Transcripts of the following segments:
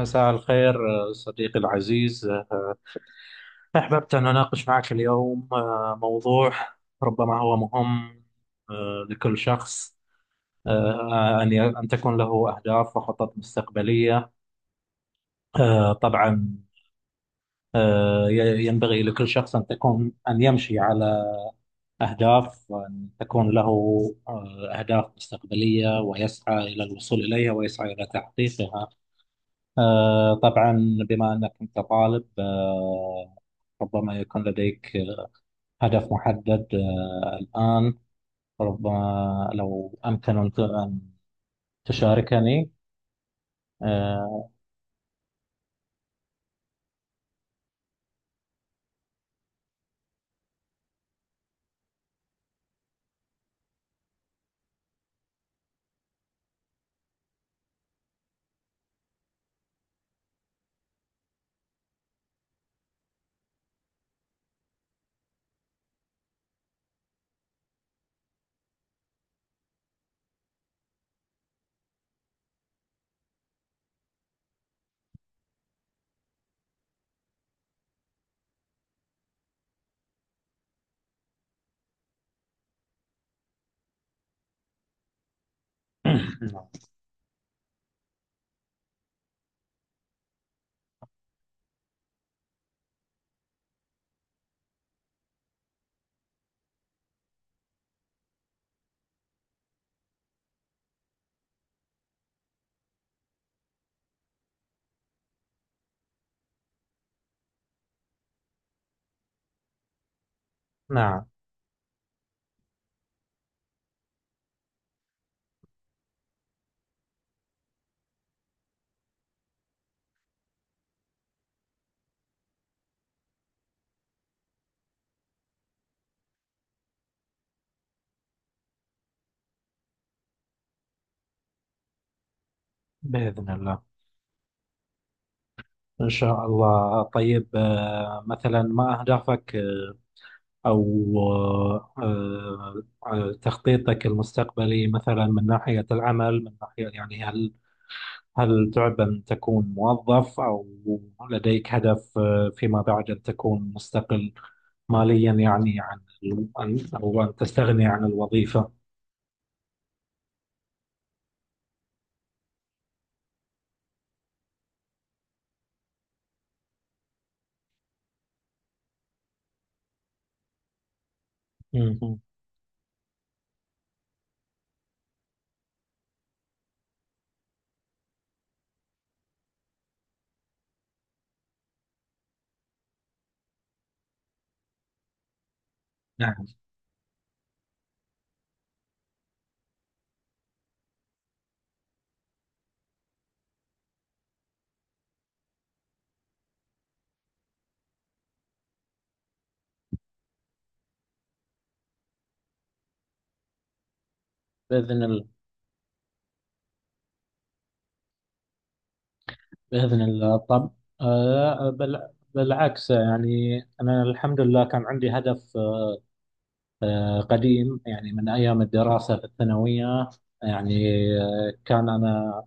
مساء الخير. صديقي العزيز، أحببت أن أناقش معك اليوم موضوع ربما هو مهم لكل شخص. أن تكون له أهداف وخطط مستقبلية. طبعا ينبغي لكل شخص أن تكون أن يمشي على أهداف وأن تكون له أهداف مستقبلية ويسعى إلى الوصول إليها ويسعى إلى تحقيقها. طبعا، بما أنك أنت طالب، ربما يكون لديك هدف محدد الآن. ربما لو أمكن أن تشاركني. آه، نعم، بإذن الله. إن شاء الله. طيب، مثلا ما أهدافك أو تخطيطك المستقبلي، مثلا من ناحية العمل، من ناحية يعني هل تعب أن تكون موظف، أو لديك هدف فيما بعد أن تكون مستقل ماليا يعني عن أو أن تستغني عن الوظيفة؟ مهم. نعم بإذن الله. بإذن الله. طب، بل بالعكس، يعني أنا الحمد لله كان عندي هدف قديم، يعني من أيام الدراسة في الثانوية. يعني كان أنا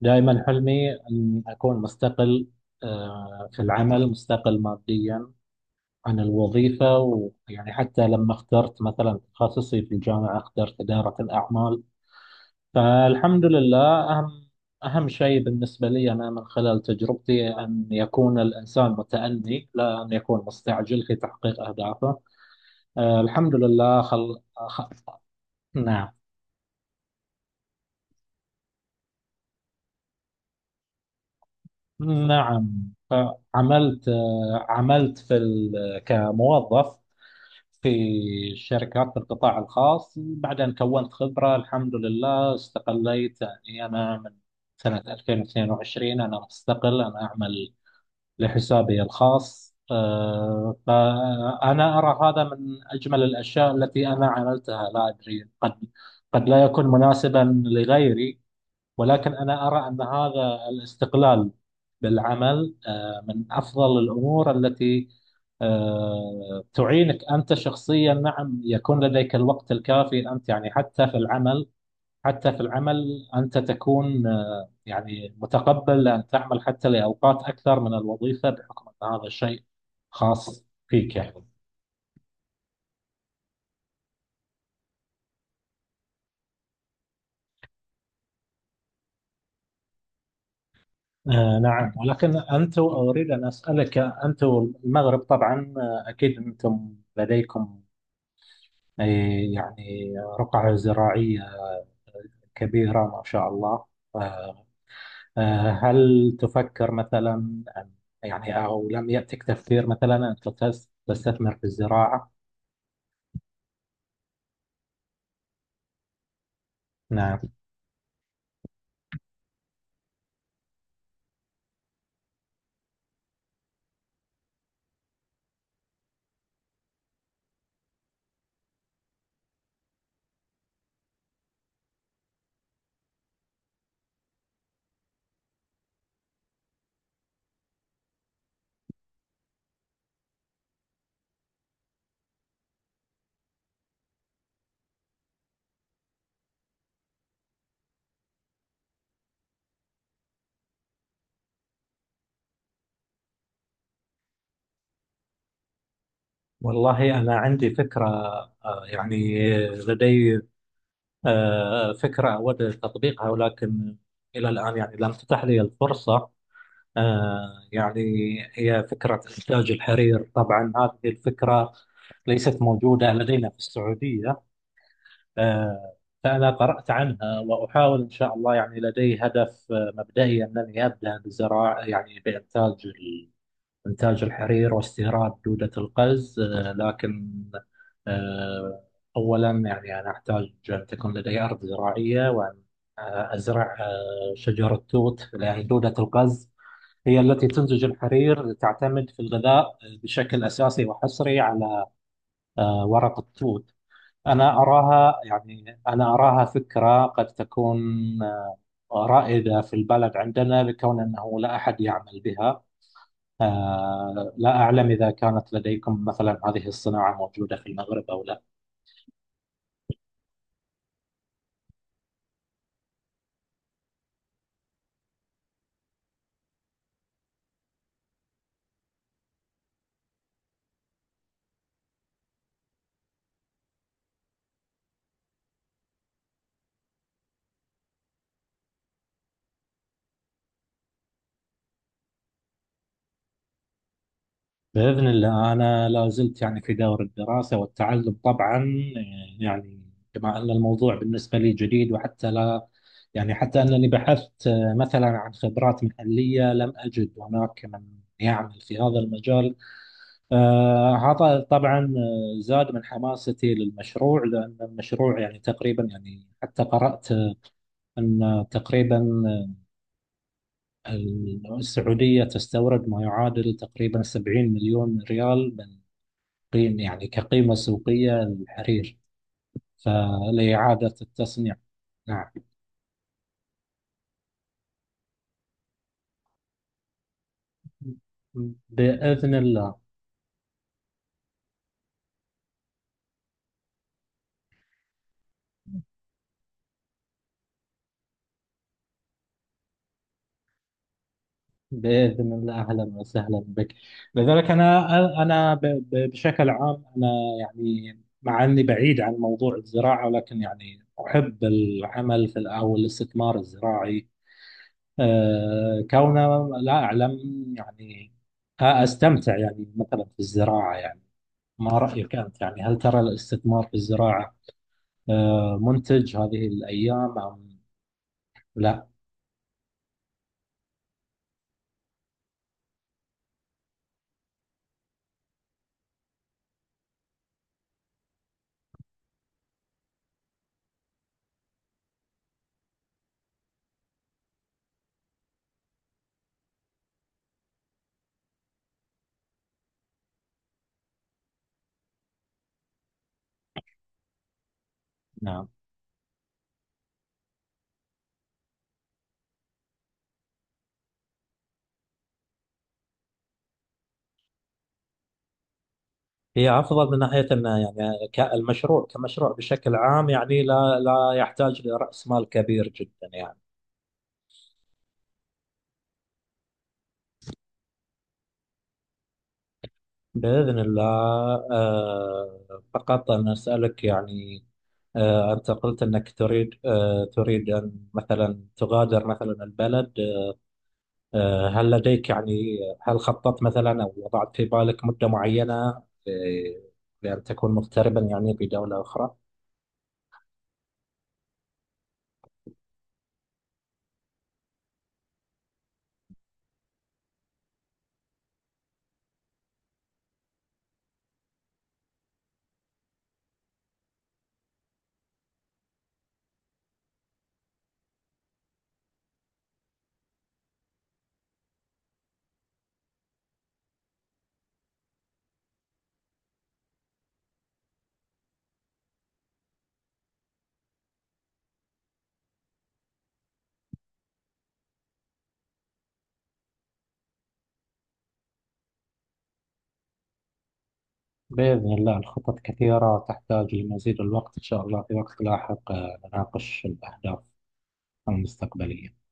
دائما حلمي أن أكون مستقل في العمل، مستقل ماديا عن الوظيفة، ويعني حتى لما اخترت مثلا تخصصي في الجامعة اخترت إدارة الأعمال. فالحمد لله. أهم أهم شيء بالنسبة لي أنا من خلال تجربتي أن يكون الإنسان متأني، لا أن يكون مستعجل في تحقيق أهدافه. الحمد لله. نعم نعم. عملت، عملت في ال... كموظف في الشركات في القطاع الخاص، بعدين كونت خبرة الحمد لله، استقليت. يعني أنا من سنة 2022 أنا مستقل، أنا أعمل لحسابي الخاص. فأنا أرى هذا من أجمل الأشياء التي أنا عملتها. لا أدري، قد لا يكون مناسبا لغيري، ولكن أنا أرى أن هذا الاستقلال بالعمل من أفضل الأمور التي تعينك أنت شخصيا. نعم يكون لديك الوقت الكافي أنت، يعني حتى في العمل. حتى في العمل أنت تكون يعني متقبل أن تعمل حتى لأوقات أكثر من الوظيفة، بحكم أن هذا الشيء خاص فيك يعني. نعم، ولكن أنتم، أريد أن أسألك، أنتم المغرب طبعا أكيد أنتم لديكم أي يعني رقعة زراعية كبيرة ما شاء الله. آه، هل تفكر مثلا يعني، أو لم يأتك تفكير مثلا أن تستثمر في الزراعة؟ نعم. والله أنا عندي فكرة، يعني لدي فكرة أود تطبيقها، ولكن إلى الآن يعني لم تتح لي الفرصة. يعني هي فكرة إنتاج الحرير. طبعا هذه الفكرة ليست موجودة لدينا في السعودية. آه، فأنا قرأت عنها وأحاول إن شاء الله. يعني لدي هدف مبدئي، أنني أبدأ بزراعة يعني بإنتاج إنتاج الحرير واستيراد دودة القز. لكن آه، أولا يعني أنا أحتاج أن تكون لدي أرض زراعية، وأن أزرع شجر التوت، لأن دودة القز هي التي تنتج الحرير، تعتمد في الغذاء بشكل أساسي وحصري على ورق التوت. أنا أراها فكرة قد تكون آه، رائدة في البلد عندنا، لكون أنه لا أحد يعمل بها. لا أعلم إذا كانت لديكم مثلا هذه الصناعة موجودة في المغرب أو لا. بإذن الله، أنا لا زلت يعني في دور الدراسة والتعلم طبعا. يعني كما أن الموضوع بالنسبة لي جديد، وحتى لا يعني حتى أنني بحثت مثلا عن خبرات محلية، لم أجد هناك من يعمل في هذا المجال. هذا طبعا زاد من حماستي للمشروع، لأن المشروع يعني تقريبا، يعني حتى قرأت أن تقريبا السعودية تستورد ما يعادل تقريبا 70 مليون ريال من قيم يعني كقيمة سوقية للحرير، فلإعادة التصنيع. نعم بإذن الله. بإذن الله، أهلا وسهلا بك. لذلك أنا، أنا بشكل عام أنا، يعني مع أني بعيد عن موضوع الزراعة، ولكن يعني أحب العمل في أو الاستثمار الزراعي، كونه لا أعلم يعني أستمتع يعني مثلا في الزراعة يعني. ما رأيك أنت؟ يعني هل ترى الاستثمار في الزراعة منتج هذه الأيام أم لا؟ نعم. هي أفضل من ناحية أن يعني المشروع كمشروع بشكل عام يعني لا يحتاج لرأس مال كبير جدا يعني. بإذن الله. فقط أنا أسألك يعني، أنت قلت أنك تريد، تريد أن مثلا تغادر مثلا البلد. هل لديك يعني هل خططت مثلا أو وضعت في بالك مدة معينة آه، لأن تكون مغتربا يعني في دولة أخرى؟ بإذن الله. الخطط كثيرة، تحتاج لمزيد الوقت، إن شاء الله في وقت لاحق نناقش الأهداف المستقبلية.